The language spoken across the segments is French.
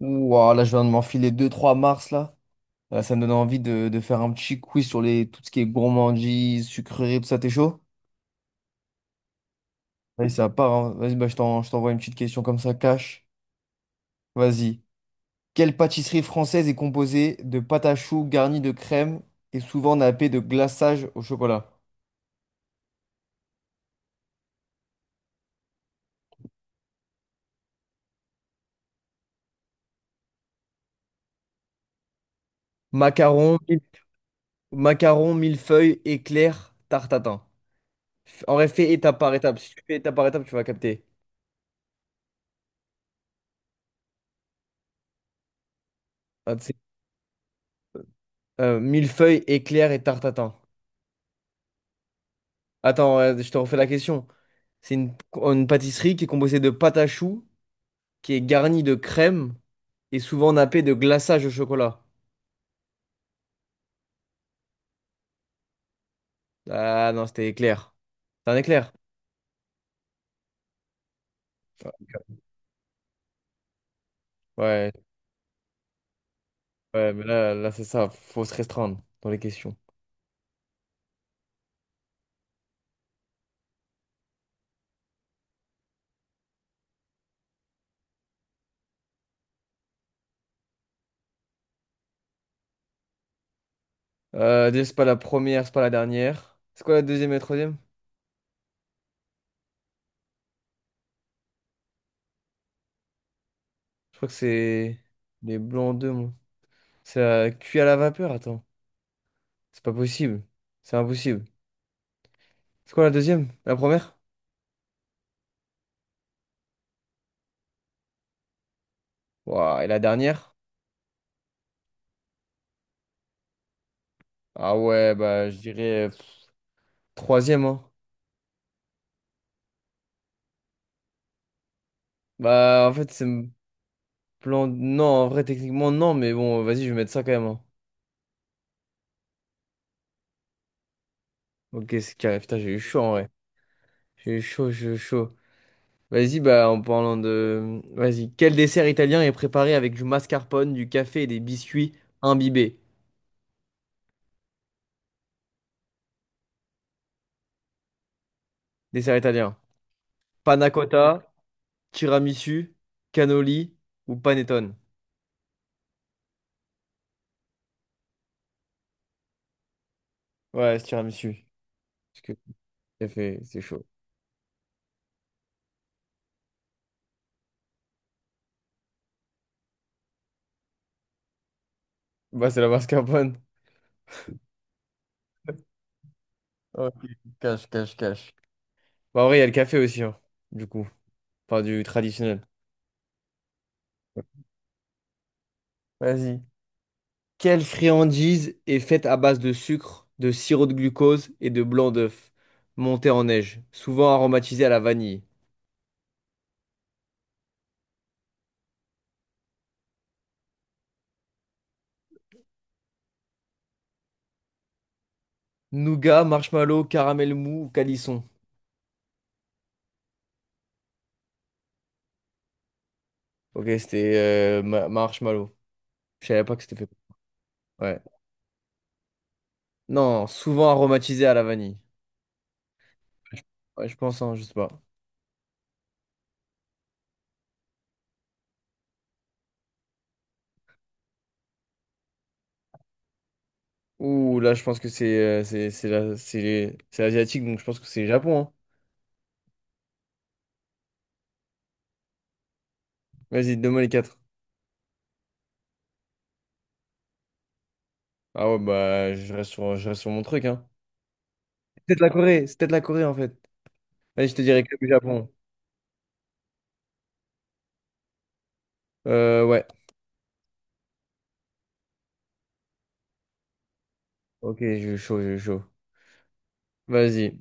Ouah, là, je viens de m'enfiler deux trois mars, là. Ça me donne envie de faire un petit quiz sur tout ce qui est gourmandise, sucrerie, tout ça, t'es chaud? Vas-y, ça part, hein. Vas-y, bah, je t'envoie une petite question comme ça, cash. Vas-y. Quelle pâtisserie française est composée de pâte à choux garnie de crème et souvent nappée de glaçage au chocolat? Macaron, mille- Macaron, millefeuille, éclair, tarte à tatin. En vrai, fais étape par étape. Si tu fais étape par étape, tu vas capter. Ah, tu sais, millefeuille, éclair et tarte à tatin. Attends, je te refais la question. C'est une pâtisserie qui est composée de pâte à choux, qui est garnie de crème et souvent nappée de glaçage au chocolat. Ah non, c'était éclair. C'est un éclair? Ouais, ouais, mais là, là c'est ça, faut se restreindre dans les questions. Déjà, c'est pas la première, c'est pas la dernière. C'est quoi la deuxième et la troisième? Je crois que c'est les blancs d'œufs, moi. C'est cuit à la vapeur, attends. C'est pas possible. C'est impossible. C'est quoi la deuxième? La première? Ouah, et la dernière? Ah ouais, bah je dirais troisième, hein. Bah en fait, c'est me plan. Non, en vrai, techniquement, non, mais bon, vas-y, je vais mettre ça quand même, hein. Ok, c'est carré. Putain, j'ai eu chaud en vrai. J'ai eu chaud, j'ai eu chaud. Vas-y, bah en parlant de. Vas-y. Quel dessert italien est préparé avec du mascarpone, du café et des biscuits imbibés? Dessert italien. Panna cotta, tiramisu, cannoli ou panettone? Ouais, c'est tiramisu. Parce que le café, c'est chaud. Bah, c'est la mascarpone. Ok, cache, cache, cache. Bah, en vrai, il y a le café aussi, hein, du coup. Enfin, du traditionnel. Vas-y. Quelle friandise est faite à base de sucre, de sirop de glucose et de blanc d'œuf, monté en neige, souvent aromatisé à la vanille? Nougat, marshmallow, caramel mou ou calisson? Ok, c'était marshmallow. Je savais pas que c'était fait. Ouais. Non, souvent aromatisé à la vanille. Ouais, je pense, hein, je sais pas. Ouh, là, je pense que c'est c'est asiatique, donc je pense que c'est Japon, hein. Vas-y, donne-moi les quatre. Ah ouais, bah, je reste sur mon truc, hein. C'est peut-être la Corée, c'est peut-être la Corée en fait. Allez, je te dirais que le Japon. Ouais. Ok, je suis chaud, je suis chaud. Vas-y.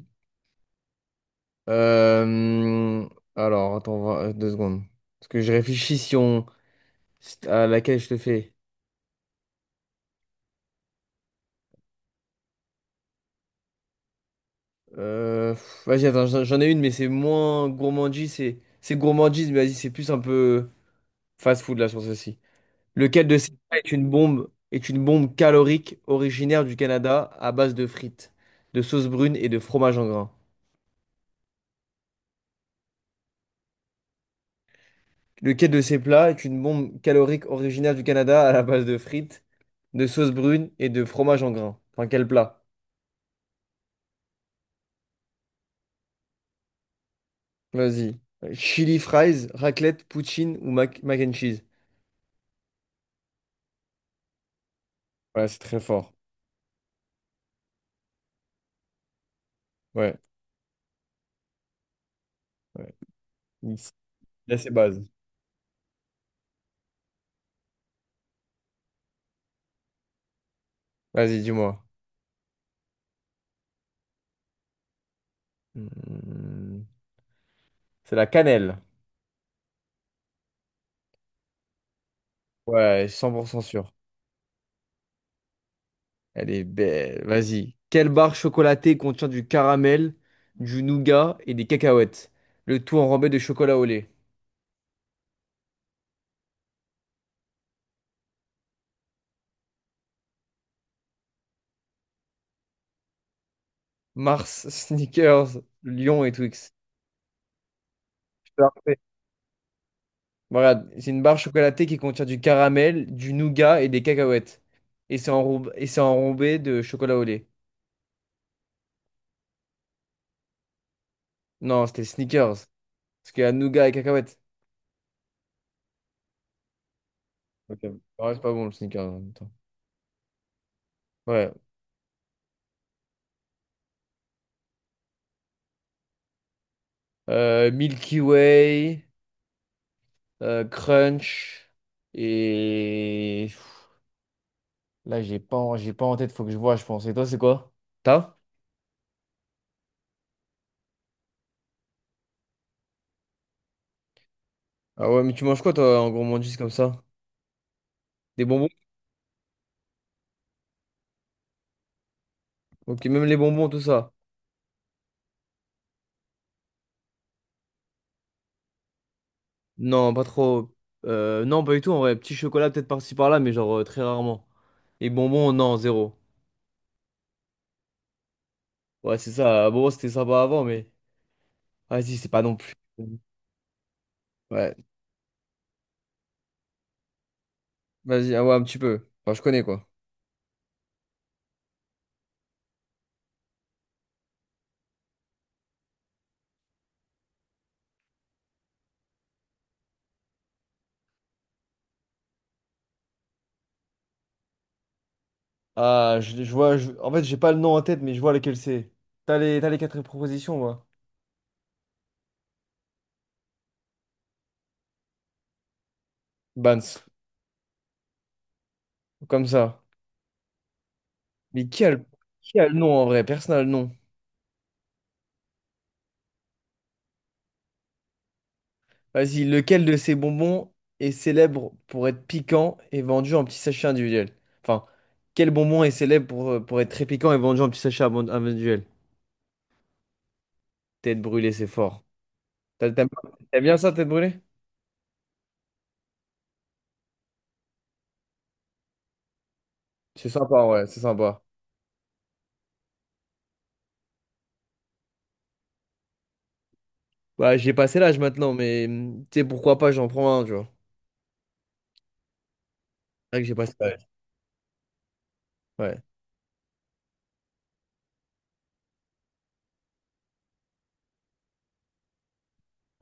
Euh, Alors, attends, 2 secondes. Parce que je réfléchis si on... si- à laquelle je te fais. Vas-y, attends, j'en ai une, mais c'est moins gourmandise. C'est gourmandise, mais vas-y, c'est plus un peu fast-food là sur ceci. Lequel de ces plats est une bombe calorique originaire du Canada à base de frites, de sauce brune et de fromage en grains? Lequel de ces plats est une bombe calorique originaire du Canada à la base de frites, de sauce brune et de fromage en grains? Enfin, quel plat? Vas-y. Chili fries, raclette, poutine ou mac and cheese? Ouais, c'est très fort. Ouais, ouais. Il il a ses bases. Vas-y, dis-moi. Hmm, C'est la cannelle. Ouais, 100% sûr. Elle est belle. Vas-y. Quelle barre chocolatée contient du caramel, du nougat et des cacahuètes? Le tout enrobé de chocolat au lait. Mars, Snickers, Lion et Twix. Je te la refaire. Voilà, c'est une barre chocolatée qui contient du caramel, du nougat et des cacahuètes. Et c'est enrobé de chocolat au lait. Non, c'était Snickers. Parce qu'il y a nougat et cacahuètes. Ok. Ouais, c'est pas bon le Snickers en même temps. Ouais. Milky Way, Crunch et... Là, j'ai pas en tête, faut que je vois, je pense. Et toi, c'est quoi? T'as? Ah ouais, mais tu manges quoi, toi, en gourmandise comme ça? Des bonbons? Ok, même les bonbons, tout ça. Non, pas trop. Non, pas du tout, en vrai. Petit chocolat, peut-être par-ci par-là, mais genre très rarement. Et bonbons, non, zéro. Ouais, c'est ça. Bon c'était sympa avant, mais. Vas-y, c'est pas non plus. Ouais. Vas-y, ah ouais, un petit peu. Enfin, je connais, quoi. Ah, je vois, en fait, j'ai pas le nom en tête, mais je vois lequel c'est. T'as t'as les quatre propositions, moi. Bans, comme ça. Mais qui a le nom en vrai? Personne n'a le nom. Vas-y, lequel de ces bonbons est célèbre pour être piquant et vendu en petits sachets individuels? Enfin, quel bonbon est célèbre pour être très piquant et vendu en petits sachets individuels? Tête brûlée, c'est fort. T'aimes t'aimes bien ça, tête brûlée? C'est sympa, ouais, c'est sympa. Bah, j'ai passé l'âge maintenant, mais tu sais, pourquoi pas, j'en prends un, tu vois. C'est vrai que j'ai passé l'âge. Ouais.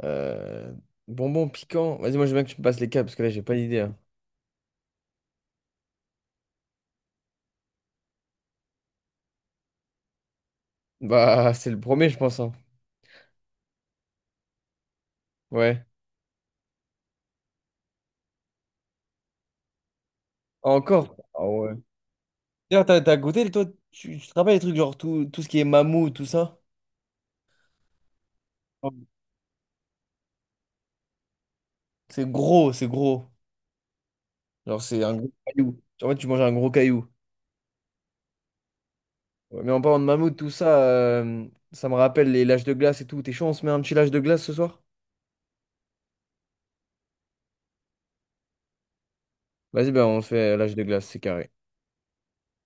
Euh, Bonbon piquant. Vas-y, moi, je veux bien que tu me passes les cas, parce que là, j'ai pas d'idée, hein. Bah, c'est le premier, je pense, hein. Ouais. Encore? Ah ouais. D'ailleurs, t'as goûté, toi, tu te rappelles les trucs, genre tout ce qui est mammouth, tout ça? Ouais. C'est gros, c'est gros. Genre, c'est un gros caillou. Genre, en fait, tu manges un gros caillou. Ouais, mais en parlant de mammouth, tout ça, ça me rappelle les lâches de glace et tout. T'es chaud, on se met un petit lâche de glace ce soir? Vas-y, ben, on se fait lâche de glace, c'est carré.